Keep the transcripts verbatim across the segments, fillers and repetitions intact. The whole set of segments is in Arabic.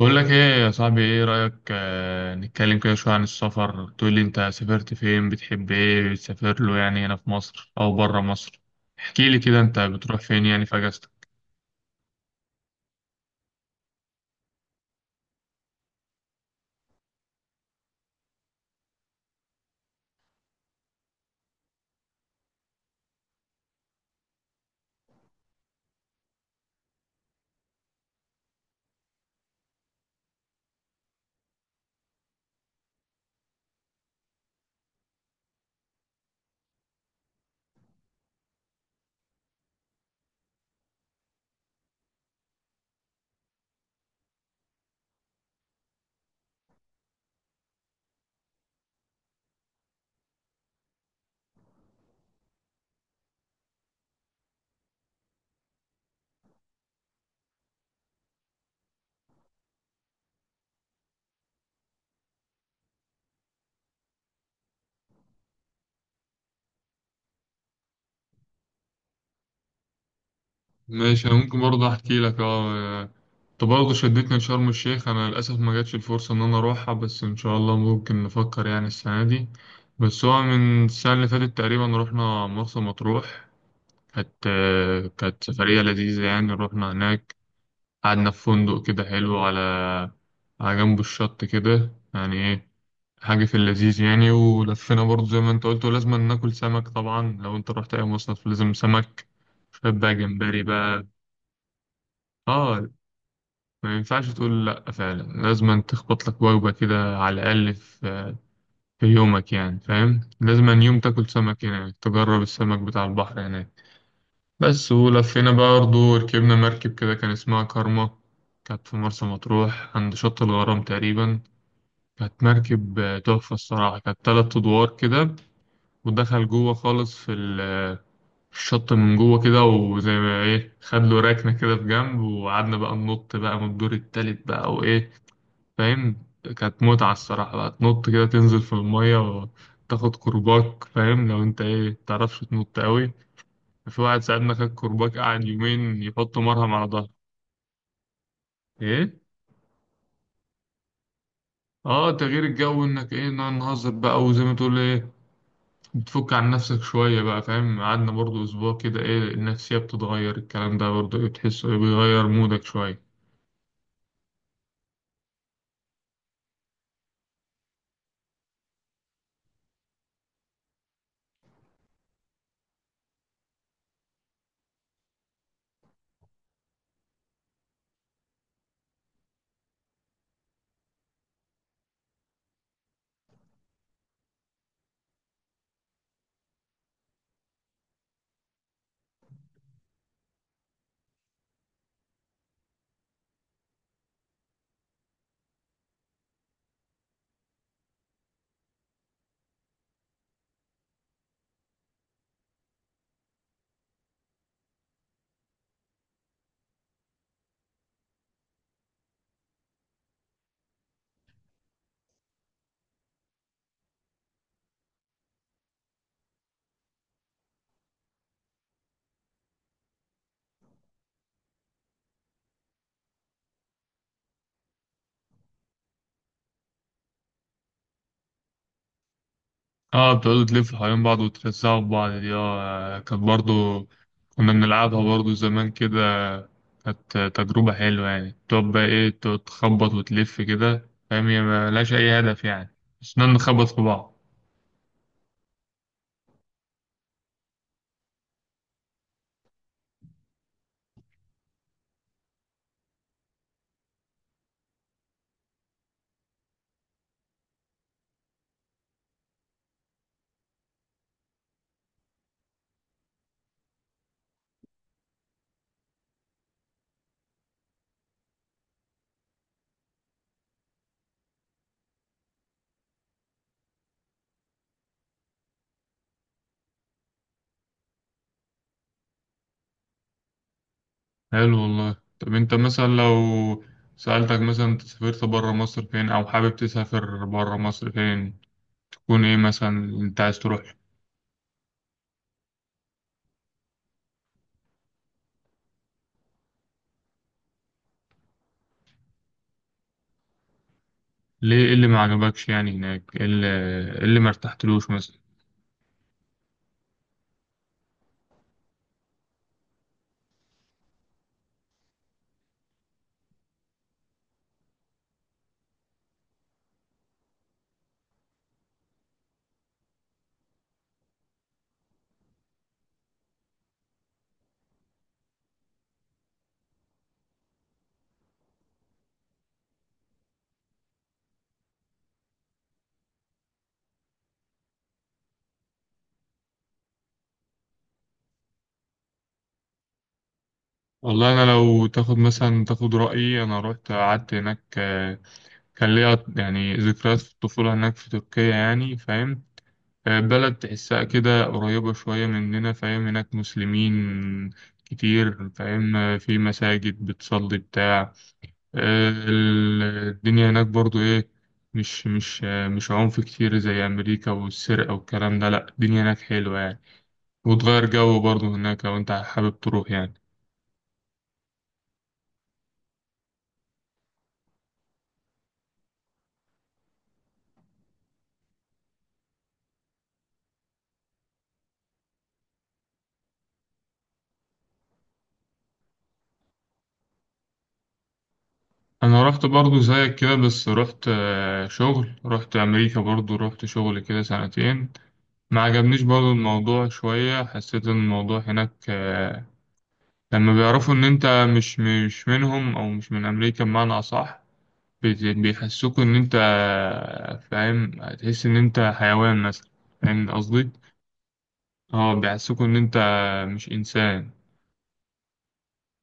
بقول لك ايه يا صاحبي؟ ايه رأيك آه نتكلم كده شوية عن السفر، تقول لي انت سافرت فين، بتحب ايه بتسافر له، يعني هنا في مصر او بره مصر؟ احكي لي كده، انت بتروح فين يعني في اجازتك؟ ماشي، انا ممكن برضه احكي لك. اه، انت برضه شدتني لشرم الشيخ. انا للاسف ما جاتش الفرصه ان انا اروحها، بس ان شاء الله ممكن نفكر يعني السنه دي. بس هو من السنه اللي فاتت تقريبا رحنا مرسى مطروح. كانت آه، كانت سفريه لذيذه يعني. رحنا هناك، قعدنا في فندق كده حلو على على جنب الشط كده، يعني ايه حاجة في اللذيذ يعني. ولفينا برضه زي ما انت قلت، ولازم ناكل سمك طبعا. لو انت رحت اي مصيف لازم سمك، شوية بقى جمبري بقى. اه، ما ينفعش تقول لأ، فعلا لازم تخبط لك وجبة كده على الأقل في في يومك يعني، فاهم؟ لازم يوم تاكل سمك هناك، تجرب السمك بتاع البحر هناك. بس ولفينا بقى برضه، وركبنا مركب كده كان اسمها كارما. كانت في مرسى مطروح عند شط الغرام تقريبا. كانت مركب آه، تحفة الصراحة، كانت تلات أدوار كده. ودخل جوه خالص في ال- آه، في الشط من جوه كده، وزي ما إيه خد له ركنة كده في جنب، وقعدنا بقى ننط بقى من الدور التالت بقى وإيه، فاهم؟ كانت متعة الصراحة بقى، تنط كده تنزل في المية وتاخد كرباك. فاهم؟ لو أنت إيه متعرفش تنط أوي. في واحد ساعدنا، خد كرباج قعد يومين يحط مرهم على ظهره. ايه، اه، تغيير الجو انك ايه نقعد نهزر بقى، وزي ما تقول ايه بتفك عن نفسك شوية بقى، فاهم؟ قعدنا برضو اسبوع كده، ايه النفسية بتتغير، الكلام ده برضو ايه بتحس إيه بيغير مودك شوية. اه، بتقعدوا تلفوا حوالين بعض وترزعوا في بعض دي، اه كانت برضو كنا بنلعبها برضو زمان كده. كانت تجربة حلوة يعني، تقعد بقى ايه تقعد تخبط وتلف كده، فاهم؟ هي ملهاش أي هدف يعني، بس نقعد نخبط في بعض. حلو والله. طب انت مثلا لو سألتك مثلا انت سافرت برا مصر فين، او حابب تسافر برا مصر فين، تكون ايه مثلا انت عايز تروح؟ ليه، ايه اللي ما عجبكش يعني هناك، ايه اللي, ايه اللي ما ارتحتلوش مثلا؟ والله انا لو تاخد مثلا تاخد رايي، انا رحت قعدت هناك. آه، كان ليا يعني ذكريات في الطفوله هناك في تركيا، يعني فاهم؟ آه، بلد تحسها كده قريبه شويه مننا، فاهم؟ هناك مسلمين كتير، فاهم؟ آه، في مساجد بتصلي بتاع. آه، ال- الدنيا هناك برضو ايه، مش مش آه، مش عنف كتير زي امريكا والسرقه والكلام ده، لا الدنيا هناك حلوه يعني. وتغير جو برضو هناك لو انت حابب تروح يعني. انا رحت برضو زيك كده، بس رحت آه، شغل، رحت امريكا برضو رحت شغل كده سنتين. ما عجبنيش برضو الموضوع شوية، حسيت ان الموضوع هناك آه، لما بيعرفوا ان انت مش مش منهم، او مش من امريكا بمعنى اصح، بيت- بيحسوك ان انت آه، فاهم هتحس ان انت حيوان مثلا، فاهم قصدي؟ اه، بيحسوك ان انت مش انسان.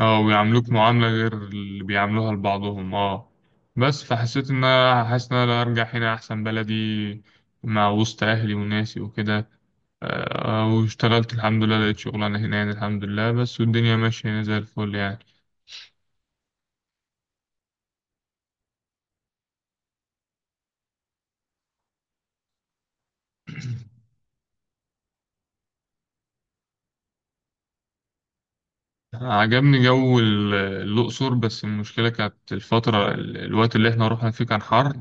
اه، بيعاملوك معاملة غير اللي بيعاملوها لبعضهم. اه، بس فحسيت ان انا حاسس ان انا لو ارجع هنا احسن، بلدي مع وسط اهلي وناسي وكده. آه، واشتغلت الحمد لله، لقيت شغلانة هنا يعني الحمد لله، بس والدنيا ماشية هنا زي الفل يعني. عجبني جو ال- الأقصر، بس المشكلة كانت الفترة ال- الوقت اللي احنا رحنا فيه كان حر،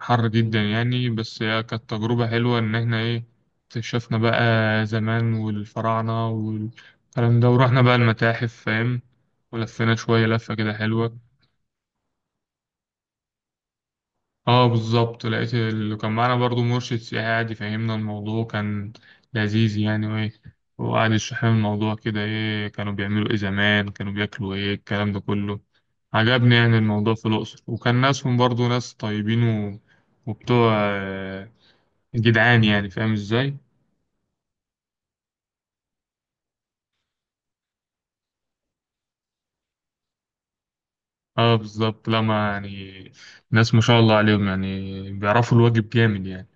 حر جدا يعني. بس هي كانت تجربة حلوة، إن إحنا إيه اكتشفنا بقى زمان والفراعنة والكلام ده، ورحنا بقى المتاحف، فاهم؟ ولفينا شوية لفة كده حلوة. اه بالظبط، لقيت اللي كان معانا برضو مرشد سياحي قاعد يفهمنا الموضوع، كان لذيذ يعني، وإيه وقعد يشرح لنا الموضوع كده إيه كانوا بيعملوا إيه زمان، كانوا بياكلوا إيه، الكلام ده كله عجبني يعني. الموضوع في الأقصر، وكان ناسهم برضو ناس طيبين و... وبتوع جدعان يعني، فاهم ازاي؟ اه بالظبط، لا ما يعني ناس ما شاء الله عليهم، يعني بيعرفوا الواجب جامد يعني.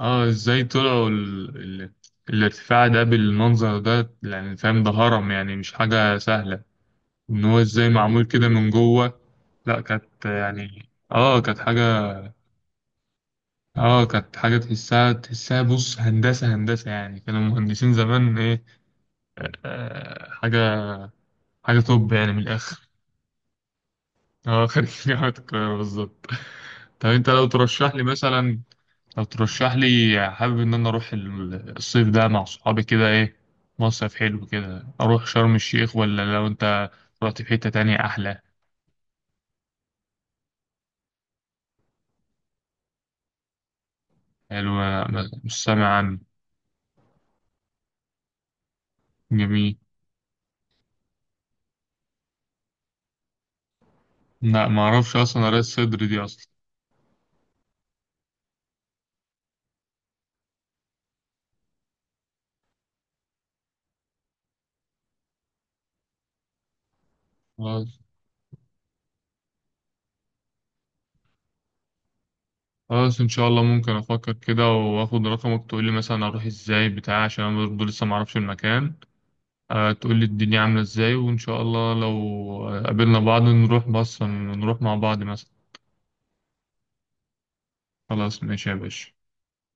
اه ازاي طلعوا ال... ال... الارتفاع ده بالمنظر ده، يعني فاهم؟ ده هرم يعني، مش حاجة سهلة. ان هو ازاي معمول كده من جوه؟ لا كانت يعني اه كانت حاجة. اه كانت حاجة تحسها، تحسها بص هندسة هندسة، يعني كانوا مهندسين زمان ايه. آه حاجة، حاجة توب يعني من الآخر. اه، خريج جامعة القاهرة بالظبط. طب انت لو ترشح لي مثلا، لو ترشح لي حابب ان انا اروح ال- الصيف ده مع صحابي كده ايه، مصيف حلو كده، اروح شرم الشيخ، ولا لو انت رحت في حتة تانية احلى؟ حلو، ما- مش سامع عنه. جميل. لا ما اعرفش اصلا قراية الصدر دي اصلا. خلاص خلاص ان شاء الله ممكن افكر كده، واخد رقمك تقول لي مثلا اروح ازاي بتاع، عشان انا برضه لسه ما اعرفش المكان. آه، تقول لي الدنيا عاملة ازاي، وإن شاء الله لو آه، قابلنا بعض نروح، بص نروح مع بعض مثلا. خلاص ماشي يا باشا.